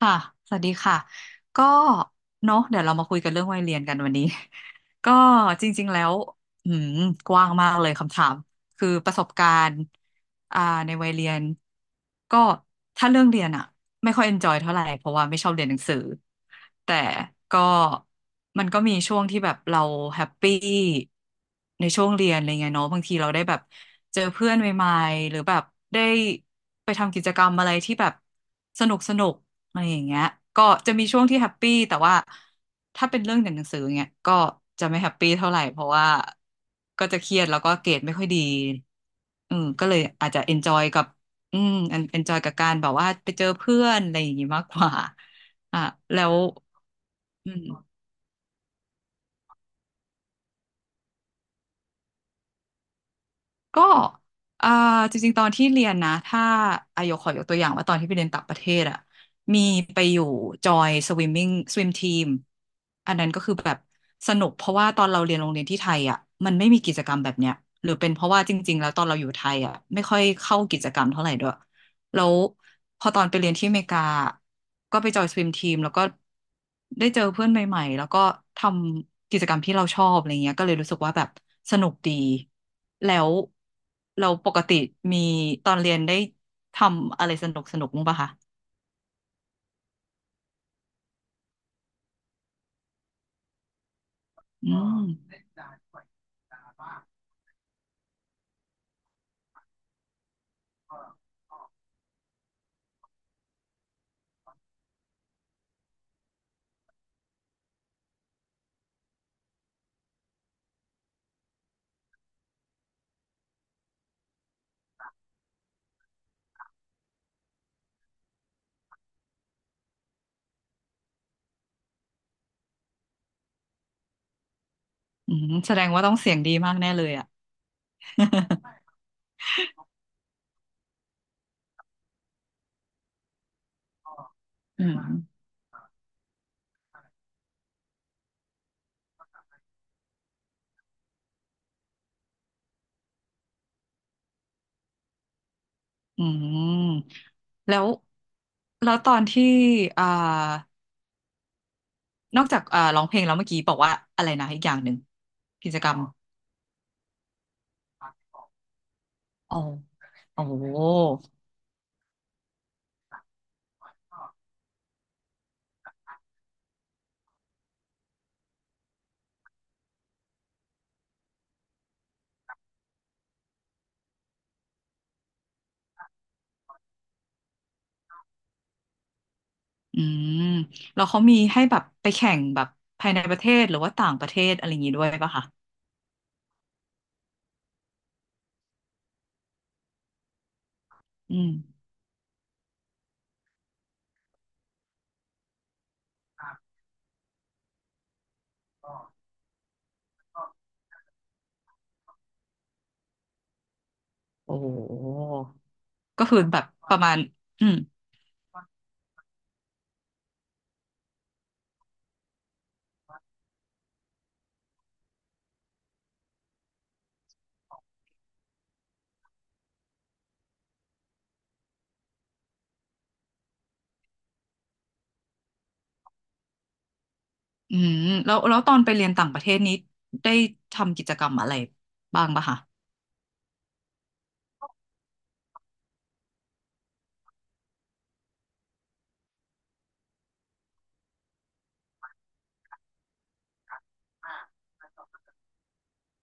ค่ะสวัสดีค่ะ ก็เนาะเดี๋ยวเรามาคุยกันเรื่องวัยเรียนกันวันนี้ ก็จริงๆแล้วอืมกว้างมากเลยคำถาม คือประสบการณ์อ่าในวัยเรียน ก็ถ้าเรื่องเรียนอะ ไม่ค่อยเอนจอยเท่าไหร่เพราะว่าไม่ชอบเรียนหนังสือแต่ก็มันก็มีช่วงที่แบบเราแฮปปี้ในช่วงเรียนอะไรเงี้ยเนาะบางทีเราได้แบบเจอเพื่อนใหม่ๆหรือแบบได้ไปทำกิจกรรมอะไรที่แบบสนุกสนุกอะไรอย่างเงี้ยก็จะมีช่วงที่แฮปปี้แต่ว่าถ้าเป็นเรื่องเรียนหนังสือเงี้ยก็จะไม่แฮปปี้เท่าไหร่เพราะว่าก็จะเครียดแล้วก็เกรดไม่ค่อยดีก็เลยอาจจะเอนจอยกับ อันเอนจอยกับการแบบว่าไปเจอเพื่อนอะไรอย่างงี้มากกว่าอ่ะแล้วอืมก็อ่าจริงๆตอนที่เรียนนะถ้าอายกขอยกตัวอย่างว่าตอนที่ไปเรียนต่างประเทศอ่ะมีไปอยู่จอยสวิมมิ่งสวิมทีมอันนั้นก็คือแบบสนุกเพราะว่าตอนเราเรียนโรงเรียนที่ไทยอ่ะมันไม่มีกิจกรรมแบบเนี้ยหรือเป็นเพราะว่าจริงๆแล้วตอนเราอยู่ไทยอ่ะไม่ค่อยเข้ากิจกรรมเท่าไหร่ด้วย แล้วพอตอนไปเรียนที่อเมริกาก็ไปจอยสวิมทีมแล้วก็ได้เจอเพื่อนใหม่ๆแล้วก็ทำกิจกรรมที่เราชอบอะไรเงี้ยก็เลยรู้สึกว่าแบบสนุกดีแล้วเราปกติมีตอนเรียนได้ทำอะไรสนุกสนุกมั้างปะคะอืมอืมแสดงว่าต้องเสียงดีมากแน่เลยอ่ะอืมอืมแล้วแล้วตอนที่อ่านอกจากร้องเพลงแล้วเมื่อกี้บอกว่าอะไรนะอีกอย่างหนึ่งกิจกรรม อ๋อโอโหอืมแล้วเขามีให้แบบไปแข่งแบบภายในประเทศหรือว่าต่างประเทศอะไรอย่างนี้ด้วยป่ะคะอืมโอ้โหก็คือแบบประมาณอืมอืมแล้วตอนไปเรียนต่างประเทศนี้ได้ทำกิจกรรมอะไรบ้างป่ะคะ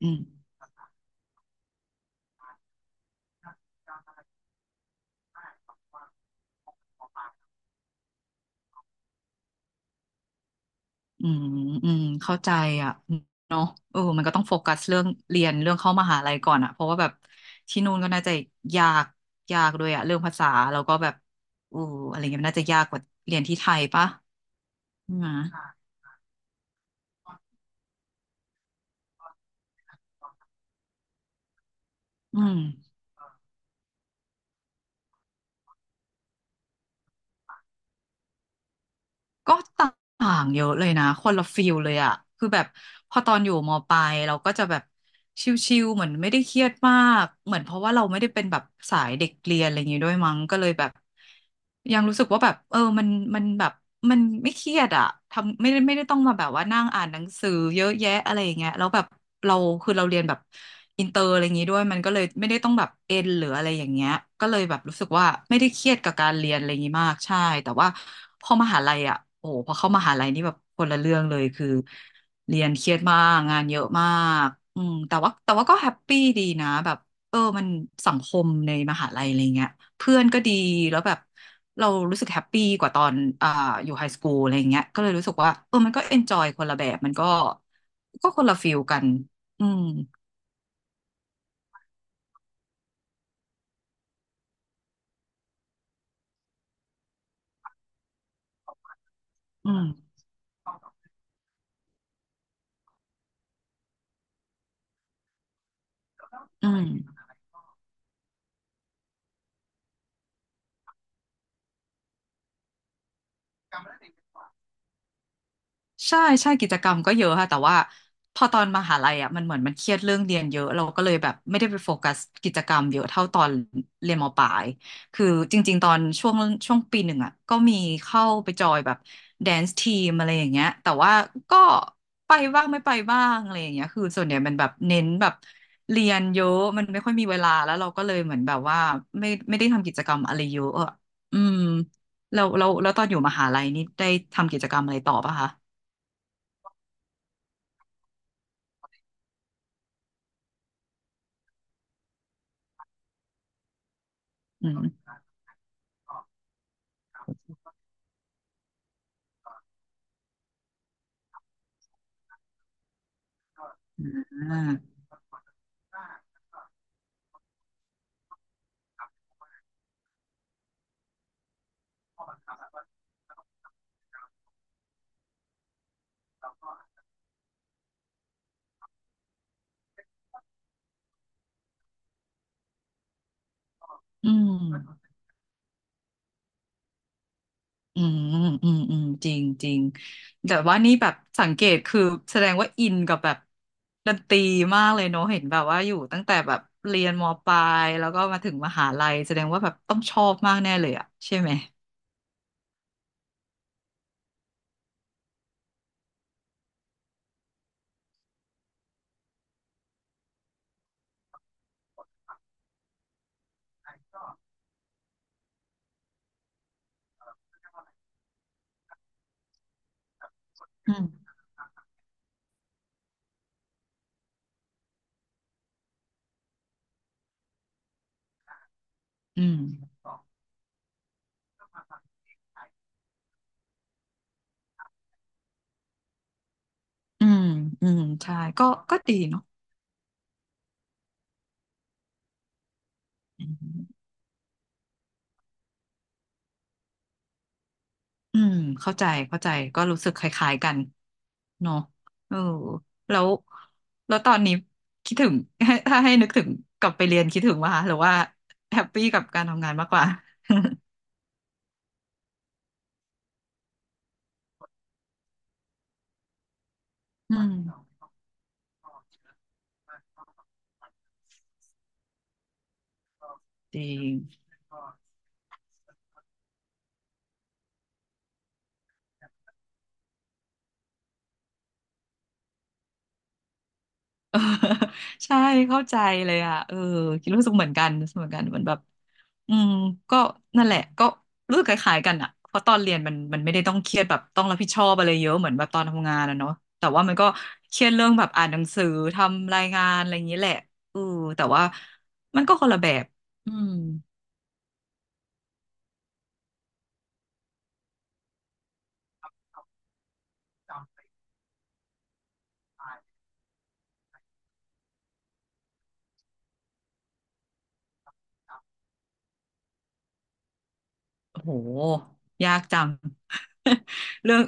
อืม อืมอืมเข้าใจอ่ะเนาะเออมันก็ต้องโฟกัสเรื่องเรียนเรื่องเข้ามหาลัยก่อนอ่ะเพราะว่าแบบที่นู่นก็น่าจะยากยากด้วยอ่ะเรื่องภาษาแล้วก็แบบอู้อะไรเงี้ยมันน่าจะยากกว่าเรียนที่ไทยปะใช่ไหมอืม ก็ต่างเยอะเลยนะคนละฟิลเลยอะคือแบบพอตอนอยู่มปลายเราก็จะแบบชิลๆเหมือนไม่ได้เครียดมากเหมือนเพราะว่าเราไม่ได้เป็นแบบสายเด็กเรียนอะไรอย่างงี้ด้วยมั้งก็เลยแบบยังรู้สึกว่าแบบเออมันมันแบบมันไม่เครียดอะทำไม่ได้ไม่ได้ต้องมาแบบว่านั่งอ่านหนังสือเยอะแยะอะไรอย่างเงี้ยแล้วแบบเราคือเราเรียนแบบอินเตอร์อะไรอย่างงี้ด้วยมันก็เลยไม่ได้ต้องแบบเอ็นหรืออะไรอย่างเงี้ยก็เลยแบบรู้สึกว่าไม่ได้เครียดกับการเรียนอะไรอย่างงี้มากใช่แต่ว่า พอมหาลัยอ่ะโอ้โหพอเข้ามหาลัยนี่แบบคนละเรื่องเลยคือเรียนเครียดมาก งานเยอะมากแต่ว่าแต่ว่าก็แฮปปี้ดีนะแบบเออมันสังคมในมหาลัยอะไรเงี้ยเพื่อนก็ดี แล้วแบบเรารู้สึกแฮปปี้กว่าตอนอ่าอยู่ไฮสคูลอะไรเงี้ยก็เลยรู้สึกว่าเออมันก็เอนจอยคนละแบบ มันก็คนละฟิลกัน อืมอืมอืม ใช่ใช่กิจกรรมก็เยอะค่ะแต่ว่าพอตอนมหาลัยอ่ะมันเหมือนมันเครียดเรื่องเรียนเยอะเราก็เลยแบบไม่ได้ไปโฟกัสกิจกรรมเยอะเท่าตอนเรียนมปลายคือจริงๆตอนช่วงช่วงปีหนึ่งอ่ะก็มีเข้าไปจอยแบบแดนซ์ทีมอะไรอย่างเงี้ยแต่ว่าก็ไปบ้างไม่ไปบ้างอะไรอย่างเงี้ยคือส่วนใหญ่มันแบบเน้นแบบเรียนเยอะมันไม่ค่อยมีเวลาแล้วเราก็เลยเหมือนแบบว่าไม่ได้ทำกิจกรรมอะไรเยอะอะอืมแล้วตอนอยู่มหาลัยนี่ได้ทำกิจกรรมอะไรต่อปะคะ อืมอ่าอืมอืมอืมอืมจริงจริงแต่ว่านี่แบบสังเกตคือแสดงว่าอินกับแบบดนตรีมากเลยเนอะเห็นแบบว่าอยู่ตั้งแต่แบบเรียนมปลายแล้วก็มาถึงมหาลัยแสดงว่าแบบต้องชอบมากแน่เลยอะใช่ไหมอืมอืมอืมอืมใช่ก็ดีเนาะ อืมเข้าใจเข้าใจก็รู้สึกคล้ายๆกันเนอะเออแล้วแล้วตอนนี้คิดถึง ถ้าให้นึกถึงกลับไปเรียนคิดถึงว่าหรือว่าแฮปปี้กับการทำงานมากกว่าอืมจริง เออใช่เข้าใจเลยอ่ะเออคิดรู้สึกเหมือนกันรู้สึกเหมือนกันเหมือนแบบอืมก็นั่นแหละก็รู้สึกคล้ายๆกันอ่ะเพราะตอนเรียนมันมันไม่ได้ต้องเครียดแบบต้องรับผิดชอบอะไรเยอะเหมือนแบบตอนทำงานอะเนาะแต่ว่ามันก็เครียดเรื่องแบบอ่านหนังสือทำรายงานอะไรอย่างนี้แหละเออแต่ว่ามันก็คนละแบบอืม โหยากจัง เรื่อง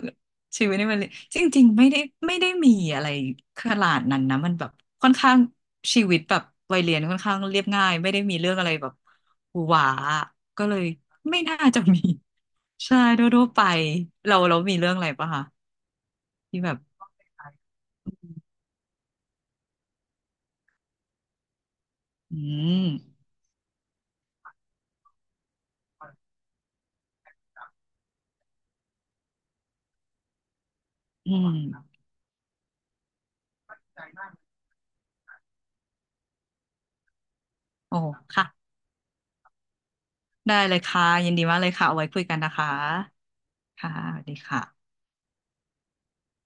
ชีวิตนี่มันจริงๆไม่ได้มีอะไรขนาดนั้นนะมันแบบค่อนข้างชีวิตแบบวัยเรียนค่อนข้างเรียบง่ายไม่ได้มีเรื่องอะไรแบบหวือหวาก็เลยไม่น่าจะมี ใช่ทั่วๆไปเราเรามีเรื่องอะไรปะคะที่แบบอืมอืมโอ้ค่ะได้เลยค่ะยินดีมากเลยค่ะเอาไว้คุยกันนะคะค่ะสวัสดีค่ะ